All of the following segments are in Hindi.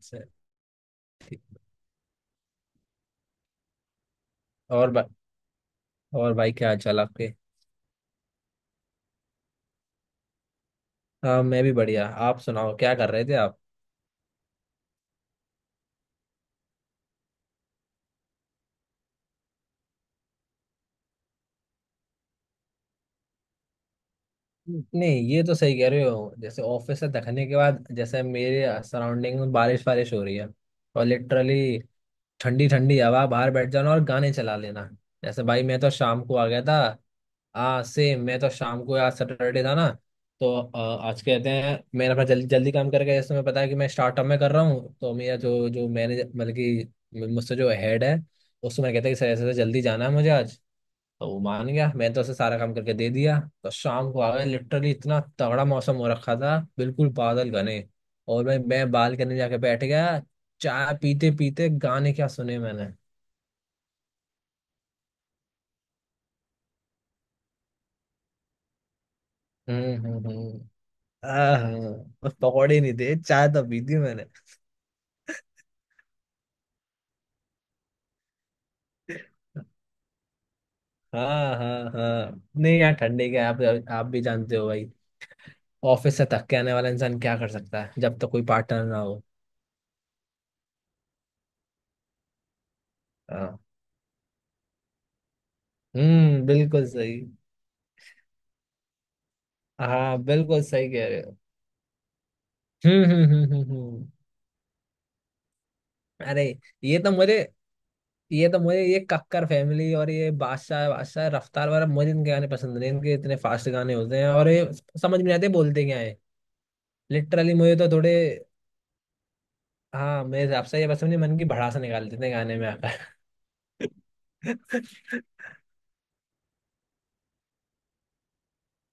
से ठीक। और बा, और भाई क्या हाल चाल आपके। हाँ मैं भी बढ़िया, आप सुनाओ क्या कर रहे थे आप। नहीं ये तो सही कह रहे हो, जैसे ऑफिस से थकने के बाद जैसे मेरे सराउंडिंग में बारिश बारिश हो रही है और लिटरली ठंडी ठंडी हवा बाहर बैठ जाना और गाने चला लेना। जैसे भाई मैं तो शाम को आ गया था। हाँ सेम, मैं तो शाम को, आज सैटरडे था ना तो आज कहते हैं, मैं अपना जल्दी जल्दी काम करके, जैसे तुम्हें पता है कि मैं स्टार्टअप में कर रहा हूँ तो मेरा जो जो मैनेजर मतलब कि मुझसे जो हेड है, उससे मैं कहता है कि सर ऐसे ऐसे जल्दी जाना है मुझे आज। तो वो मान गया, मैंने तो उसे सारा काम करके दे दिया, तो शाम को आ गए। लिटरली इतना तगड़ा मौसम हो रखा था, बिल्कुल बादल घने, और मैं बालकनी में जाके बैठ गया। चाय पीते पीते गाने क्या सुने मैंने। हम्म। आह, बस पकौड़े नहीं थे, चाय तो पी थी मैंने। हाँ हाँ हाँ, नहीं यार ठंडे के आप भी जानते हो भाई, ऑफिस से थक के आने वाला इंसान क्या कर सकता है जब तक कोई पार्टनर ना हो। हाँ। हम्म, बिल्कुल सही। हाँ बिल्कुल सही कह रहे हो। हम्म हम्म हम्म हम्म हम्म। अरे! ये तो मुझे, ये कक्कर फैमिली और ये बादशाह बादशाह रफ्तार वाला, मुझे इनके गाने पसंद नहीं। इनके इतने फास्ट गाने होते हैं और ये समझ में नहीं आते, बोलते क्या है। लिटरली मुझे तो थोड़े, हाँ मेरे हिसाब से ये बस अपने मन की भड़ास निकाल देते हैं गाने में आकर।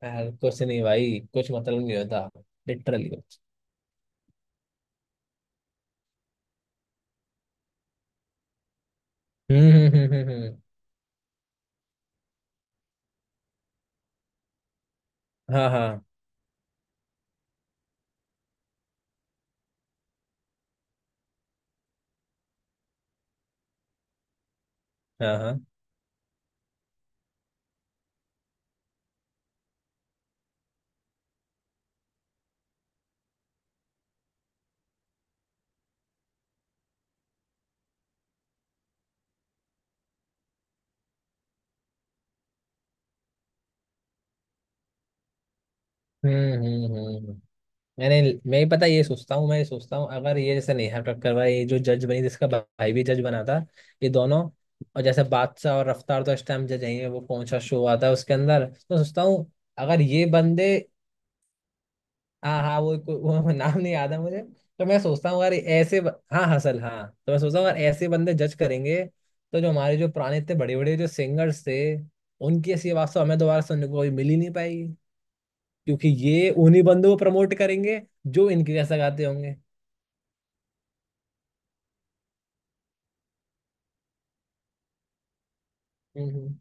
यार कुछ नहीं भाई, कुछ मतलब नहीं होता। लिटरली कुछ। हम्म हम्म हम्म हम्म हम्म। हाँ हाँ हाँ हाँ। हम्म हम्म हम्म हम्म। मैं ये सोचता हूँ, अगर ये जैसे नेहा कक्कर, भाई ये जो जज बनी जिसका भाई भी जज बना था, ये दोनों, और जैसे बादशाह और रफ्तार तो इस टाइम जज हैं, वो कौन सा शो आता है उसके अंदर, तो सोचता हूँ अगर ये बंदे। हाँ हाँ, वो नाम नहीं याद है मुझे। तो मैं सोचता हूँ अगर ये ऐसे हाँ हसल हाँ, तो मैं सोचता हूँ अगर ऐसे बंदे जज करेंगे तो जो हमारे जो पुराने इतने बड़े बड़े जो सिंगर्स थे, उनकी ऐसी आवाज तो हमें दोबारा सुनने को कभी मिल ही नहीं पाएगी। क्योंकि ये उन्हीं बंदों को प्रमोट करेंगे जो इनके जैसा गाते होंगे। हम्म हम्म,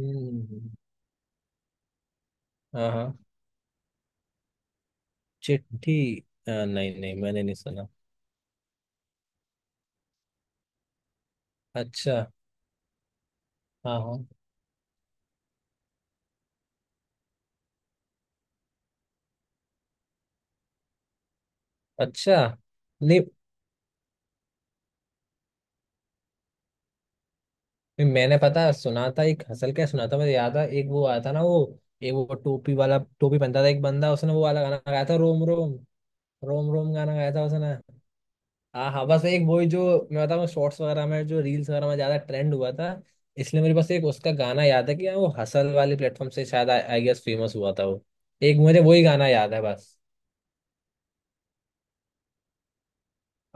हम्म। हाँ हाँ। चिट्ठी। नहीं नहीं मैंने नहीं सुना। अच्छा। हाँ हाँ। अच्छा। नहीं, मैंने पता सुना था एक हसल, क्या सुना था, मुझे याद है, एक वो आया था ना, वो एक वो टोपी वाला, टोपी पहनता था एक बंदा, उसने वो वाला गाना गाया था, रोम रोम। रोम रोम गाना गाया था उसने। हाँ हाँ, बस एक वही जो, मैं बताऊँ शॉर्ट्स वगैरह में, जो रील्स वगैरह में ज्यादा ट्रेंड हुआ था, इसलिए मेरे पास एक उसका गाना याद है कि, हाँ वो हसल वाले प्लेटफॉर्म से शायद आई गेस फेमस हुआ था वो। एक मुझे वही गाना याद है बस।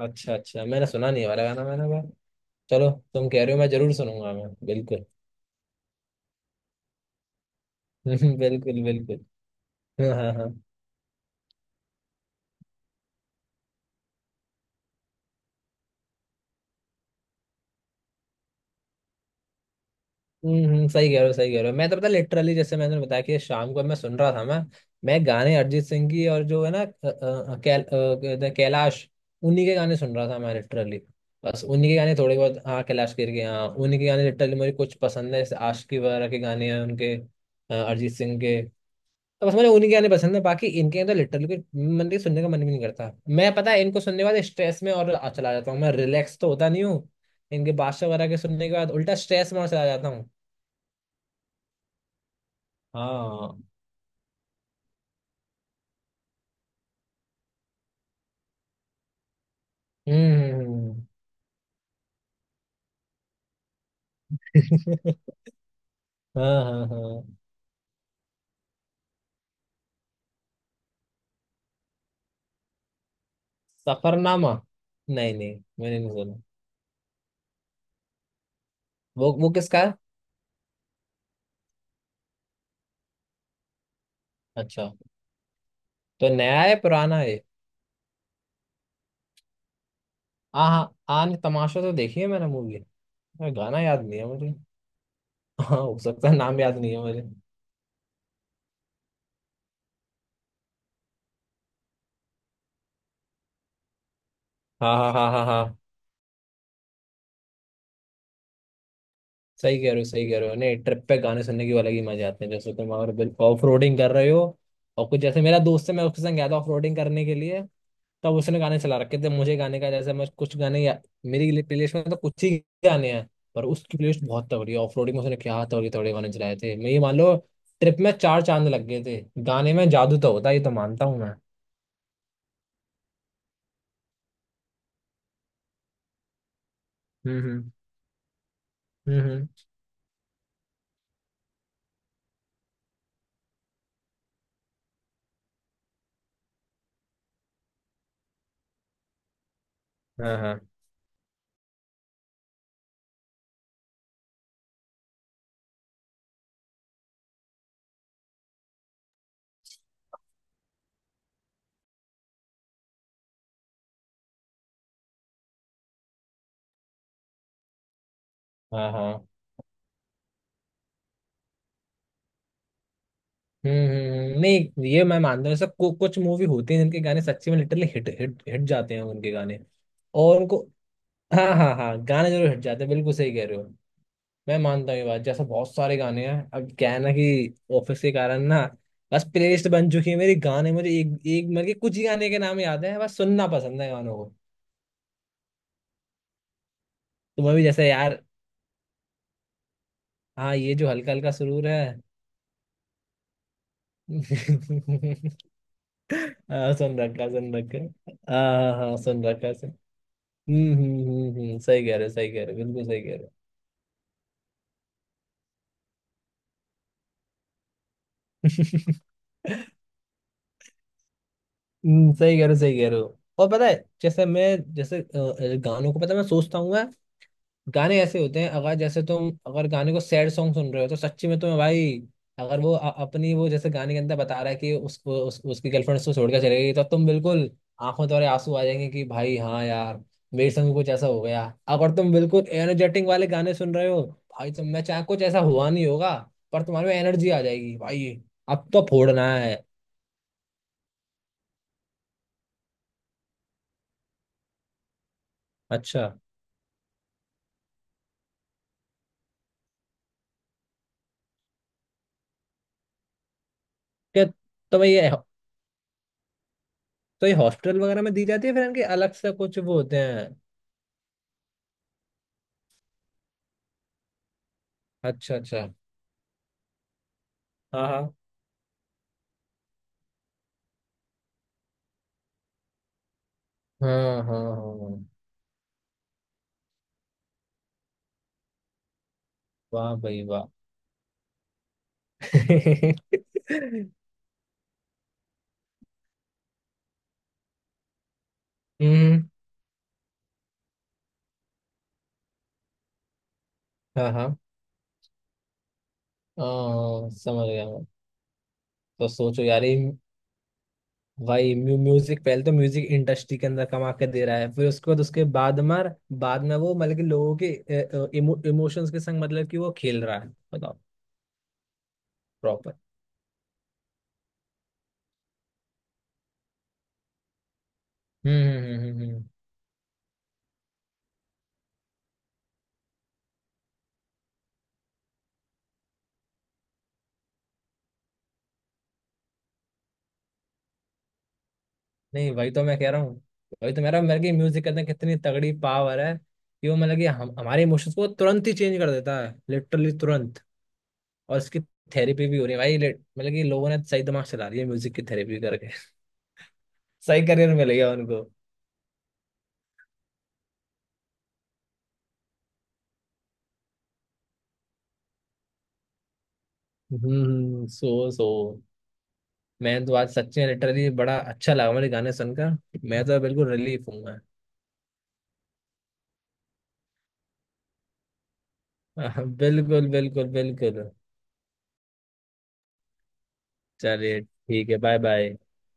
अच्छा अच्छा, मैंने सुना नहीं है वाला गाना, मैंने कहा चलो तुम कह रहे हो मैं जरूर सुनूंगा मैं बिल्कुल। बिल्कुल बिल्कुल। हाँ हाँ हाँ। सही कह रहे हो सही कह रहे हो। मैं तो पता लिटरली, जैसे मैंने बताया कि शाम को मैं सुन रहा था मैं गाने अरिजीत सिंह की, और जो है ना कहते हैं कैलाश, उन्हीं के गाने सुन रहा था मैं लिटरली। बस उन्हीं के गाने थोड़े बहुत, हाँ कैलाश खेर के, हाँ उन्हीं के गाने लिटरली मुझे कुछ पसंद है, जैसे आशिकी वगैरह के गाने हैं उनके, अरिजीत सिंह के। तो बस मुझे उन्हीं के गाने पसंद है, बाकी इनके तो लिटरली कोई मन के सुनने का मन भी नहीं करता। मैं पता है इनको सुनने के बाद स्ट्रेस में और चला जाता हूँ, मैं रिलैक्स तो होता नहीं हूँ। इनके बादशाह वगैरह के सुनने के बाद उल्टा स्ट्रेस में और चला जाता हूँ। हाँ। हम्म। हाँ हाँ हाँ। सफरनामा? नहीं नहीं मैंने नहीं सुना। वो किसका है? अच्छा, तो नया है पुराना है? हाँ हाँ, आन तमाशा तो देखी है मैंने मूवी। गाना याद नहीं है मुझे। हाँ हो सकता है, नाम याद नहीं है मुझे। हाँ हाँ हाँ हाँ, सही कह रहे हो सही कह रहे हो। नहीं, ट्रिप पे गाने सुनने की अलग ही मजे आते हैं, जैसे तुम अगर ऑफ रोडिंग कर रहे हो और कुछ, जैसे मेरा दोस्त है मैं उसके संग गया था ऑफ रोडिंग करने के लिए, तब उसने गाने चला रखे थे। मुझे गाने का जैसे मैं, कुछ गाने मेरी प्लेलिस्ट में तो कुछ ही गाने हैं, पर उसकी प्लेलिस्ट बहुत तगड़ी है। ऑफ रोडिंग में उसने क्या तगड़े तगड़े गाने चलाए थे, मैं ये मान लो ट्रिप में चार चांद लग गए थे। गाने में जादू तो होता है, ये तो मानता हूँ मैं। हम्म हम्म हम्म। हाँ हाँ हाँ हाँ। हम्म। नहीं ये मैं मानता हूँ, सब कुछ मूवी होती है जिनके गाने सच्ची में लिटरली हिट हिट हिट जाते हैं, उनके गाने और उनको, हाँ हाँ हाँ गाने जरूर हिट जाते हैं। बिल्कुल सही कह रहे हो, मैं मानता हूँ ये बात, जैसे बहुत सारे गाने हैं। अब क्या है ना कि ऑफिस के कारण ना बस प्लेलिस्ट बन चुकी है मेरी, गाने मुझे एक एक मतलब कि कुछ ही गाने के नाम याद हैं, बस सुनना पसंद है गानों को। तो मैं भी जैसे यार, हाँ ये जो हल्का हल्का सुरूर है। हाँ, सुन रखा सुन रखा। हाँ हाँ हाँ, सुन रखा। सही कह रहे हो सही कह रहे हो बिल्कुल सही कह रहे हो। सही कह रहे हो सही कह रहे हो। और पता है, जैसे मैं जैसे अ, गानों को पता है मैं सोचता हूँ, गाने ऐसे होते हैं अगर, जैसे तुम अगर गाने को सैड सॉन्ग सुन रहे हो, तो सच्ची में तुम्हें भाई, अगर वो अपनी वो जैसे गाने के अंदर बता रहा है कि उस उसकी गर्लफ्रेंड उसको छोड़कर चले गई, तो तुम बिल्कुल आंखों द्वारा आंसू आ जाएंगे, कि भाई हाँ यार, मेरे संग भी कुछ ऐसा हो गया। अगर तुम बिल्कुल एनर्जेटिक वाले गाने सुन रहे हो भाई, तुम मैं चाहे कुछ ऐसा हुआ नहीं होगा, पर तुम्हारे में एनर्जी आ जाएगी भाई, अब तो फोड़ना है। अच्छा। क्या? तो भाई ये, तो ये हॉस्टल वगैरह में दी जाती है, फिर इनके अलग से कुछ वो होते हैं? अच्छा अच्छा। हाँ। हाँ हाँ हाँ हाँ हाँ। वाह भाई वाह। हम्म। हाँ हाँ। आ, समझ गया मैं। तो सोचो यार ये, भाई म्यूजिक पहले तो म्यूजिक इंडस्ट्री के अंदर कमा के दे रहा है, फिर उसके बाद मार बाद में वो, मतलब कि लोगों के इमोशंस के संग मतलब कि वो खेल रहा है, बताओ। प्रॉपर। हम्म हम्म हम्म हम्म, हम्म। नहीं वही तो मैं कह रहा हूँ, वही तो मेरा मेरे की म्यूजिक के अंदर कितनी तगड़ी पावर है, कि वो मतलब कि हम हमारे इमोशंस को तुरंत ही चेंज कर देता है, लिटरली तुरंत। और इसकी थेरेपी भी हो रही है भाई, लेट मतलब कि लोगों ने सही दिमाग चला रही है, म्यूजिक की थेरेपी करके। सही करियर मिल गया उनको। हम्म, सो सो। मैं तो आज सच्ची में लिटरली बड़ा अच्छा लगा मुझे गाने सुनकर, मैं तो बिल्कुल रिलीफ हूँ मैं। बिल्कुल बिल्कुल बिल्कुल। चलिए ठीक है, बाय बाय।